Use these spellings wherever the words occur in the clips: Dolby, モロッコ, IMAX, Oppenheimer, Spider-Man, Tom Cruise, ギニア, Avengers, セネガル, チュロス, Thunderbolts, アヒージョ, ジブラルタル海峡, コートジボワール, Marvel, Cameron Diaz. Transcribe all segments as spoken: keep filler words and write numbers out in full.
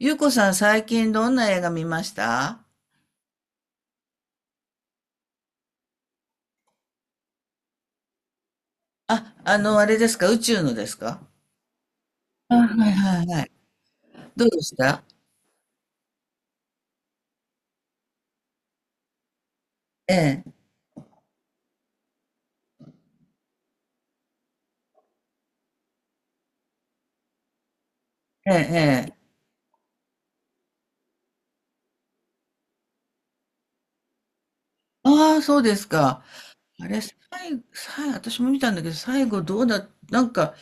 ゆうこさん、最近どんな映画見ました？あ、あの、あれですか？宇宙のですか？はいはいはい。どうでした？ええ、ええ、ええ。ああ、そうですか。あれ、最後、最後、私も見たんだけど、最後どうだ、なんか、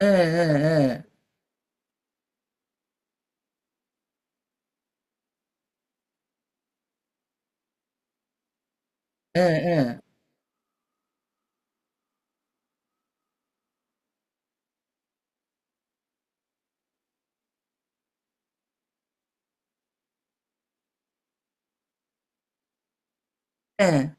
ええ、ええ、ええ、ええ、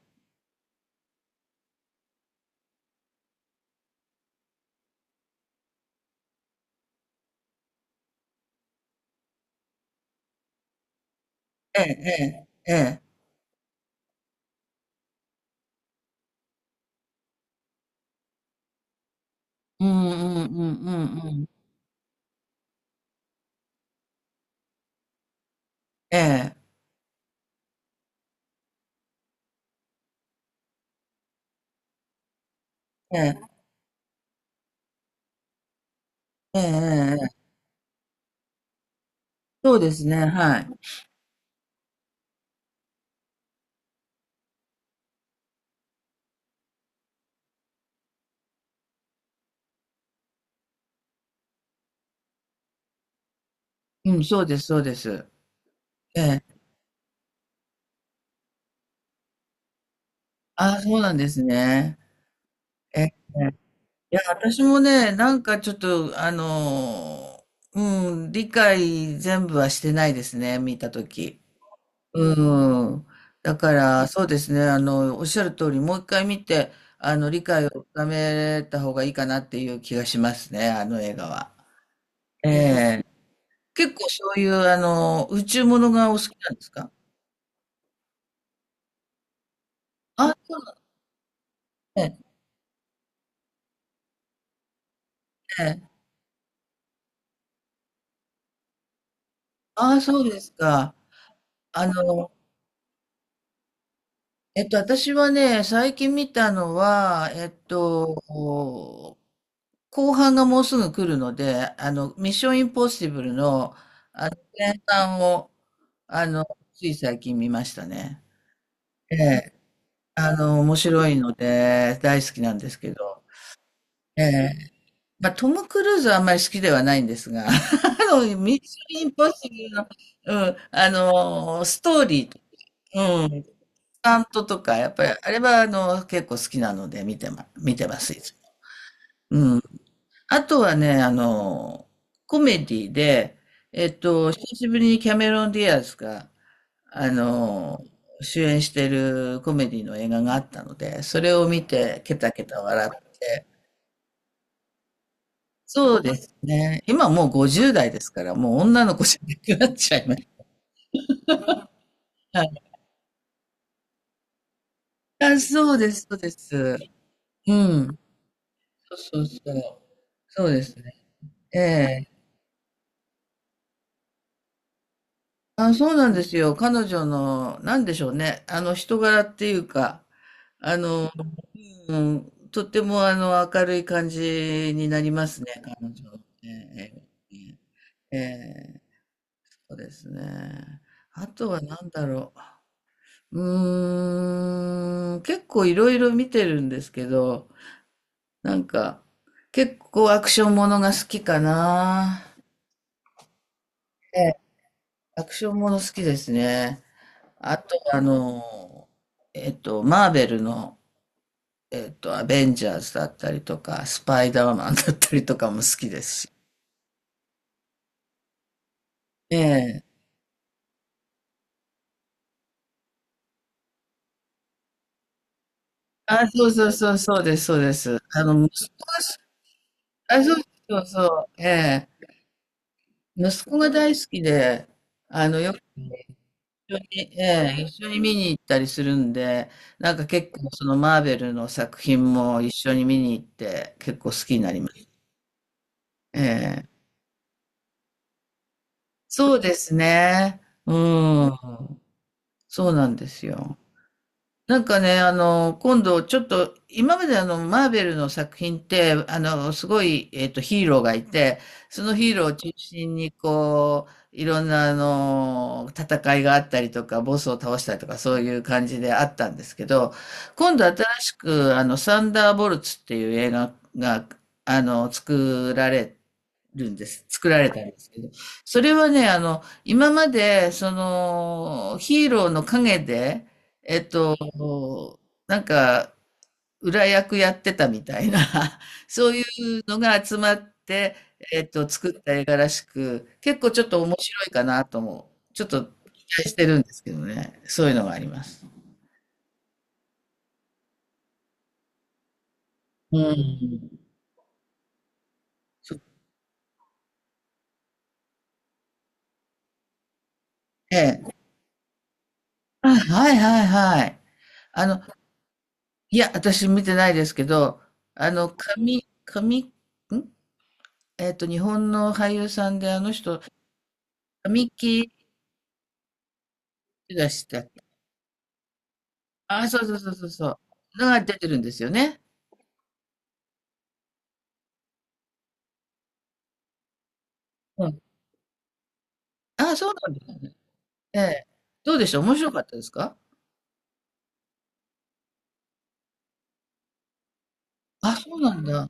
ええ、ええ、ええ、ええ、うんうんうんうんうん。ええ、ええ、ええ、ええ、そうですね、はい。うん、そうです、そうです。ええ、ああ、そうなんですね。ええ、いや、私もね、なんかちょっと、あのー、うん、理解全部はしてないですね、見たとき。うん。だから、そうですね、あの、おっしゃる通り、もう一回見て、あの、理解を深めた方がいいかなっていう気がしますね、あの映画は。ええ。結構そういう、あの、宇宙ものがお好きなんですか？あ、そうなんですね。ええ。ああ、そうですか。あの、えっと、私はね、最近見たのは、えっと、後半がもうすぐ来るので、あの、ミッションインポッシブルの、あの、前半を、あの、つい最近見ましたね。ええ、あの、面白いので、大好きなんですけど、ええ、まあ、トム・クルーズはあんまり好きではないんですが、あの、ミッションインポッシブルの、うん、あの、ストーリー、うん、タントとか、やっぱり、あれはあの、結構好きなので見てま、見てます、いつも。うん。あとはね、あの、コメディで、えっと、久しぶりにキャメロン・ディアスが、あの、主演してるコメディの映画があったので、それを見て、ケタケタ笑って、そうですね。今もうごじゅう代ですから、もう女の子じゃなくなっちゃいます。はい。あ、そうです、そうです。うん。そうそうそう。そうですね。ええ。あ、そうなんですよ。彼女の、なんでしょうね。あの、人柄っていうか、あの、うん、とっても、あの、明るい感じになりますね、彼女の。ええ、ええ、そうですね。あとは何だろう。うーん、結構いろいろ見てるんですけど、なんか、結構アクションものが好きかな。ええ、アクションもの好きですね。あと、あの、えっと、マーベルの、えっと、アベンジャーズだったりとか、スパイダーマンだったりとかも好きですし。ええ。あ、そうそうそう、そうです、そうです。あの、息子が。あ、そうそうそう、ええ。息子が大好きで、あの、よく一緒に、ええ、一緒に見に行ったりするんで、なんか結構そのマーベルの作品も一緒に見に行って、結構好きになります。ええ。そうですね。うん。そうなんですよ。なんかね、あの、今度ちょっと、今まであの、マーベルの作品って、あの、すごい、えっと、ヒーローがいて、そのヒーローを中心に、こう、いろんな、あの、戦いがあったりとか、ボスを倒したりとか、そういう感じであったんですけど、今度新しく、あの、サンダーボルツっていう映画が、あの、作られるんです。作られたんですけど。それはね、あの、今まで、その、ヒーローの陰で、えっと、なんか、裏役やってたみたいな、そういうのが集まって、えっと、作った映画らしく、結構ちょっと面白いかなとも、ちょっと期待してるんですけどね。そういうのがあります。うん。そええ。あ、はいはいはい。あの、いや、私見てないですけど、あの、神、神、んえっと、日本の俳優さんで、あの人、神木出したっけ？あ、そうそうそうそうそう。のが出てるんですよね。うん。あ、そうなんですね。ええ。どうでした？面白かったですか？あ、そうなんだ。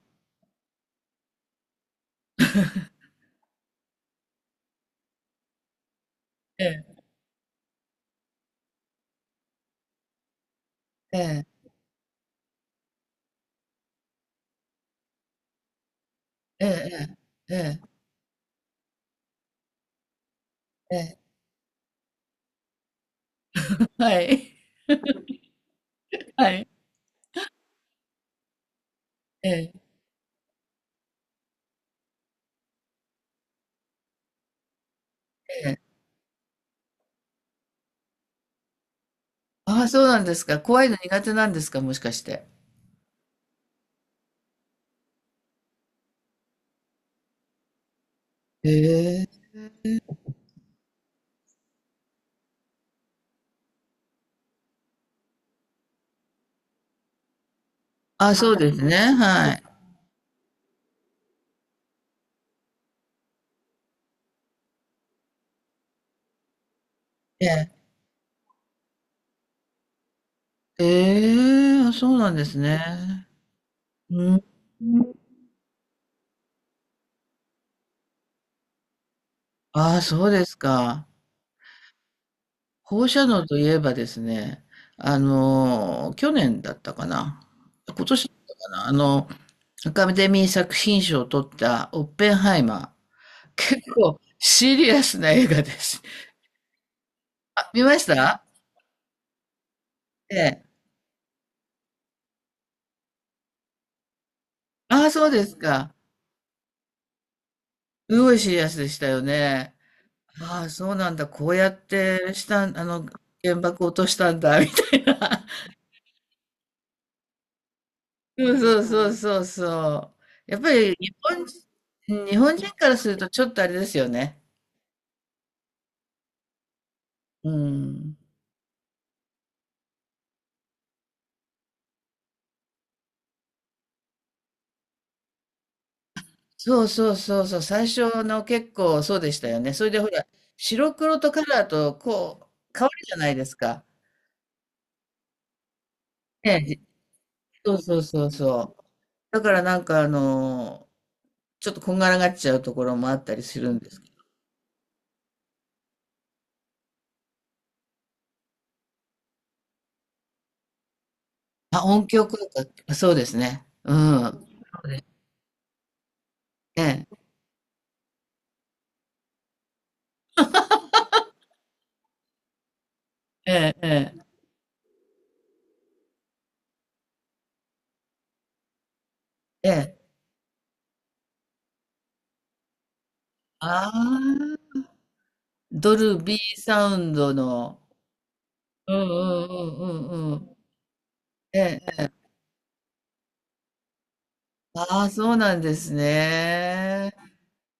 ええ、ええ、ええ、ええ、ええ。はい。はい。ええ、ええ。あ、そうなんですか。怖いの苦手なんですか？もしかして。ええ。あ、そうですね。はい。ええ。ええ、あ、そうなんですね。うん。ああ、そうですか。放射能といえばですね、あの、去年だったかな。今年だったかな。あの、アカデミー作品賞を取ったオッペンハイマー。結構シリアスな映画です。あ、見ました？ええ。ああ、そうですか。すごいシリアスでしたよね。ああ、そうなんだ。こうやってしたん、あの、原爆落としたんだ、みたいな。そうそうそうそうそう。やっぱり日本人、日本人からするとちょっとあれですよね。うん。そうそうそうそう。最初の結構そうでしたよね。それでほら、白黒とカラーとこう、変わるじゃないですか。ね、じそうそうそうそう。だからなんかあのちょっとこんがらがっちゃうところもあったりするんですけど。まあ、音響効果、そうですね。うん。ええ、ええ、ええ。ええ、ああ、ドルビーサウンドの、うんうんうんうんうん。ええ、ああ、そうなんですね。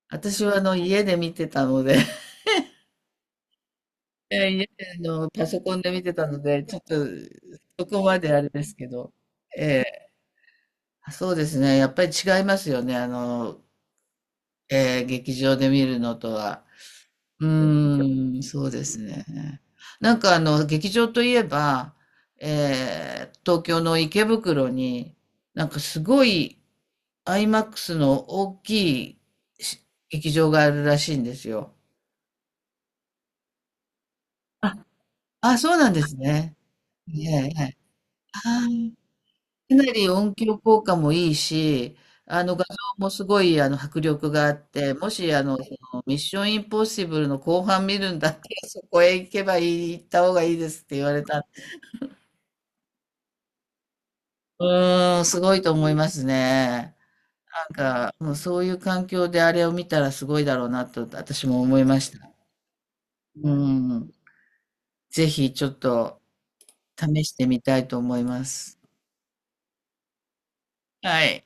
私はあの家で見てたので、ええ、家であのパソコンで見てたので、ちょっとそこまであれですけど。あ、そうですね。やっぱり違いますよね。あの、ええ、劇場で見るのとは。うーん、そうですね。なんかあの、劇場といえば、えー東京の池袋に、なんかすごい アイマックス の大きいし劇場があるらしいんですよ。あ、あ、そうなんですね。はいはいはい。あーかなり音響効果もいいし、あの画像もすごいあの迫力があって、もしあの、そのミッションインポッシブルの後半見るんだったらそこへ行けばいい、行った方がいいですって言われたんで。うーん、すごいと思いますね。なんか、もうそういう環境であれを見たらすごいだろうなと私も思いました。うん。ぜひちょっと試してみたいと思います。はい。